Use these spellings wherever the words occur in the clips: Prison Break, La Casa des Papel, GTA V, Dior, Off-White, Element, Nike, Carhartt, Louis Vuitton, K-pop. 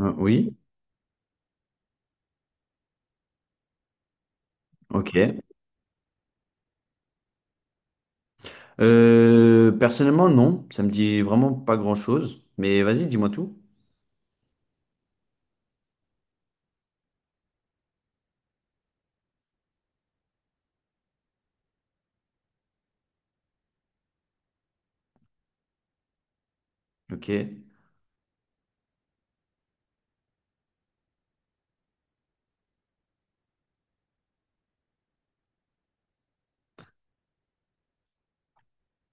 Oui, ok. Personnellement, non, ça me dit vraiment pas grand-chose. Mais vas-y, dis-moi tout. Ok,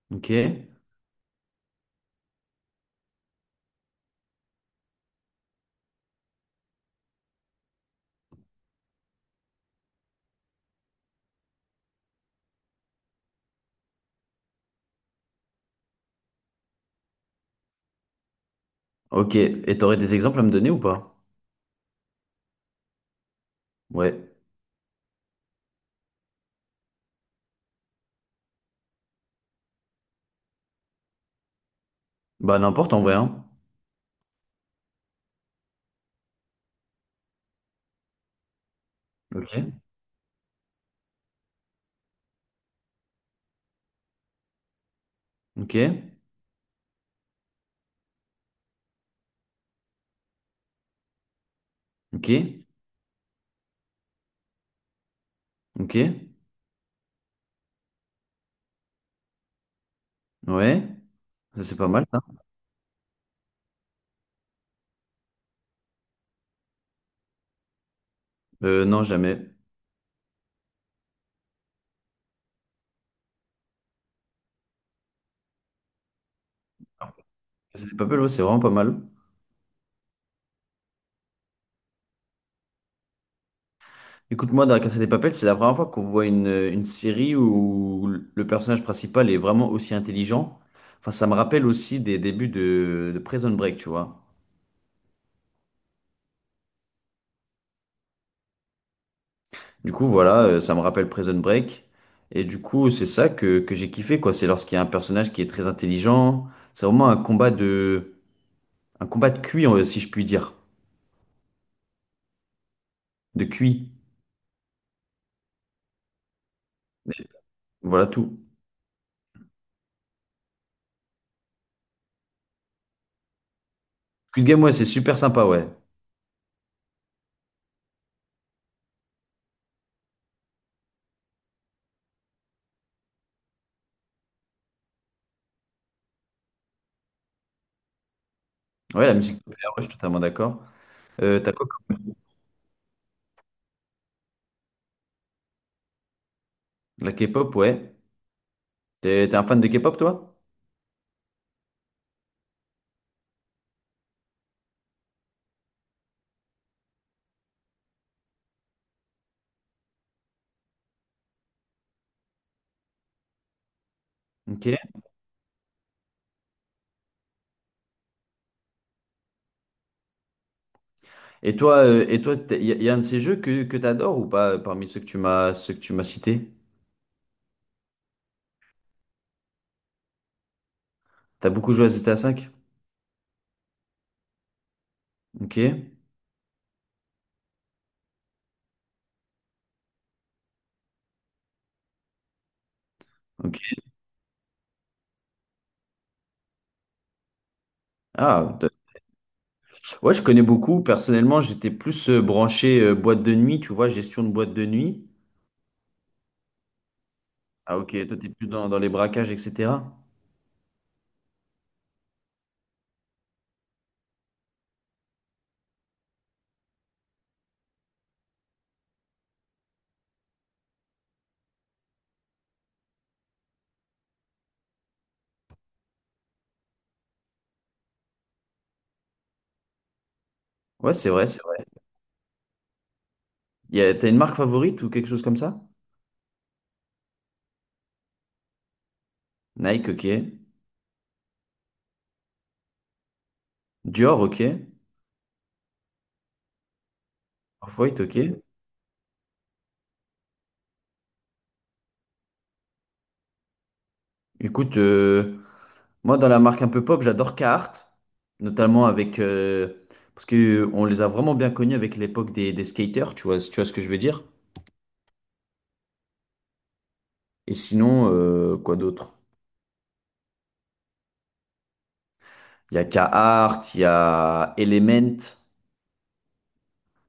ok, ok. Et t'aurais des exemples à me donner ou pas? Ouais. Bah n'importe en vrai, hein. Ok, ok, ok, ok. Ouais, ça c'est pas mal ça. Non, jamais. C'est pas mal, ouais, c'est vraiment pas mal. Écoute, moi, dans La Casa des Papel, c'est la première fois qu'on voit une série où le personnage principal est vraiment aussi intelligent. Enfin, ça me rappelle aussi des débuts de Prison Break, tu vois. Du coup, voilà, ça me rappelle Prison Break. Et du coup, c'est ça que j'ai kiffé, quoi. C'est lorsqu'il y a un personnage qui est très intelligent. C'est vraiment un combat de cuit, si je puis dire. De cuit. Voilà tout. Cuit de game, ouais, c'est super sympa, ouais. Ouais, la musique populaire, ouais, je suis totalement d'accord. T'as quoi? La K-pop, ouais. T'es un fan de K-pop, toi? Ok. Et toi, il y, a y a un de ces jeux que t'adores ou pas parmi ceux que tu m'as cités? T'as beaucoup joué à GTA V? Ok, ok. Ah, t- ouais, je connais beaucoup. Personnellement, j'étais plus branché boîte de nuit, tu vois, gestion de boîte de nuit. Ah ok, toi t'es plus dans les braquages, etc. Ouais, c'est vrai, c'est vrai. T'as une marque favorite ou quelque chose comme ça? Nike, ok. Dior, ok. Off-White, ok. Écoute, moi, dans la marque un peu pop, j'adore Carhartt, notamment avec... parce que on les a vraiment bien connus avec l'époque des skaters, tu vois, si tu vois ce que je veux dire. Et sinon, quoi d'autre? Il y a Carhartt, il y a Element.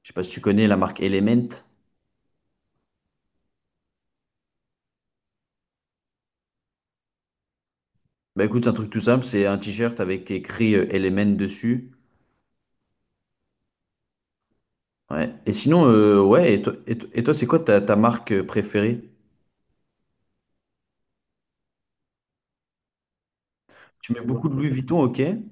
Je sais pas si tu connais la marque Element. Bah écoute, c'est un truc tout simple, c'est un t-shirt avec écrit Element dessus. Ouais. Et sinon, et toi, c'est quoi ta marque préférée? Tu mets beaucoup de Louis Vuitton, ok. T'aimes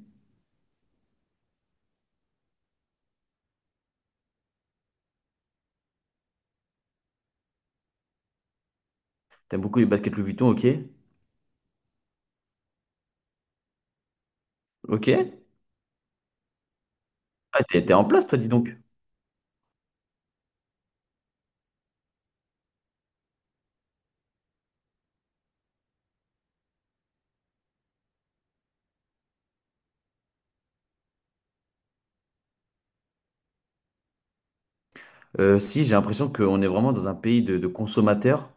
beaucoup les baskets Louis Vuitton, ok. Ok. Ah, t'es en place, toi, dis donc. Si, j'ai l'impression qu'on est vraiment dans un pays de consommateurs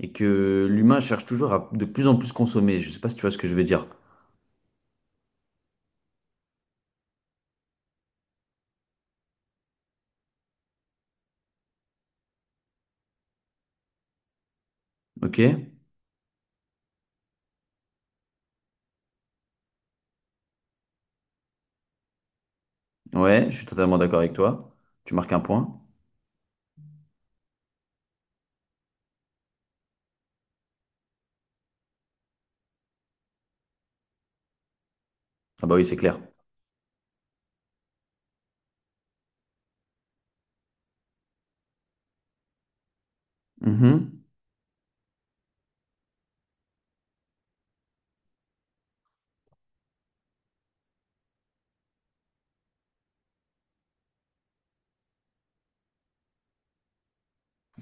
et que l'humain cherche toujours à de plus en plus consommer. Je sais pas si tu vois ce que je veux dire. Ok? Ouais, je suis totalement d'accord avec toi. Tu marques un point. Ah bah oui, c'est clair. Mhm.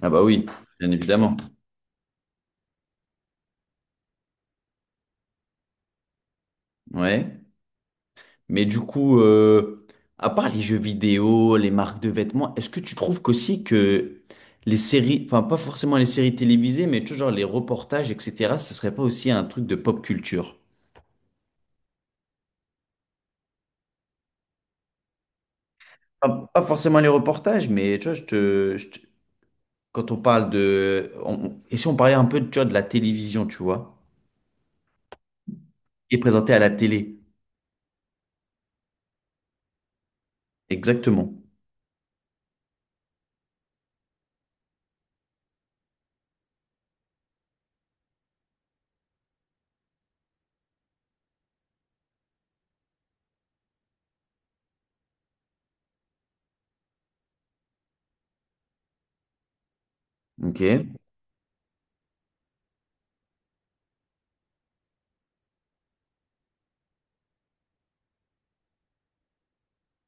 Ah bah oui, bien évidemment. Ouais. Mais du coup, à part les jeux vidéo, les marques de vêtements, est-ce que tu trouves qu'aussi que les séries, enfin pas forcément les séries télévisées, mais toujours les reportages, etc., ce serait pas aussi un truc de pop culture? Pas pas forcément les reportages, mais tu vois, quand on parle de... et si on parlait un peu, tu vois, de la télévision, tu vois, et présenté à la télé. Exactement. Ok,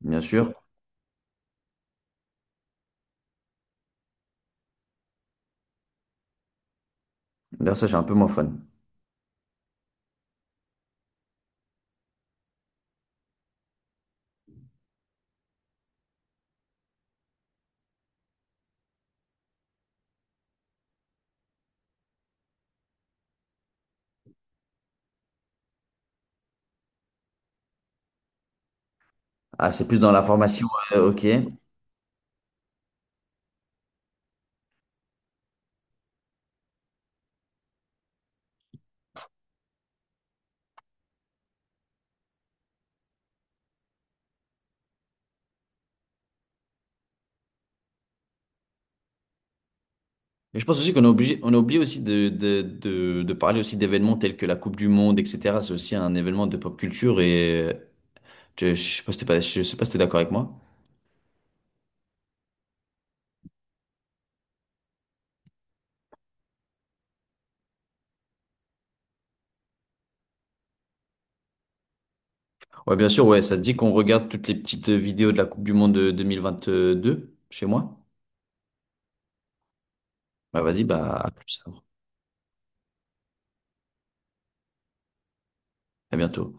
bien sûr. D'ailleurs, ça, j'ai un peu moins fun. Ah, c'est plus dans la formation, ok. Et je pense aussi qu'on est obligé, on a oublié aussi de parler aussi d'événements tels que la Coupe du Monde, etc. C'est aussi un événement de pop culture et... je sais pas si t'es pas- je sais pas si t'es d'accord avec moi. Ouais, bien sûr, ouais, ça te dit qu'on regarde toutes les petites vidéos de la Coupe du Monde de 2022 chez moi? Bah vas-y, bah à plus alors. À bientôt.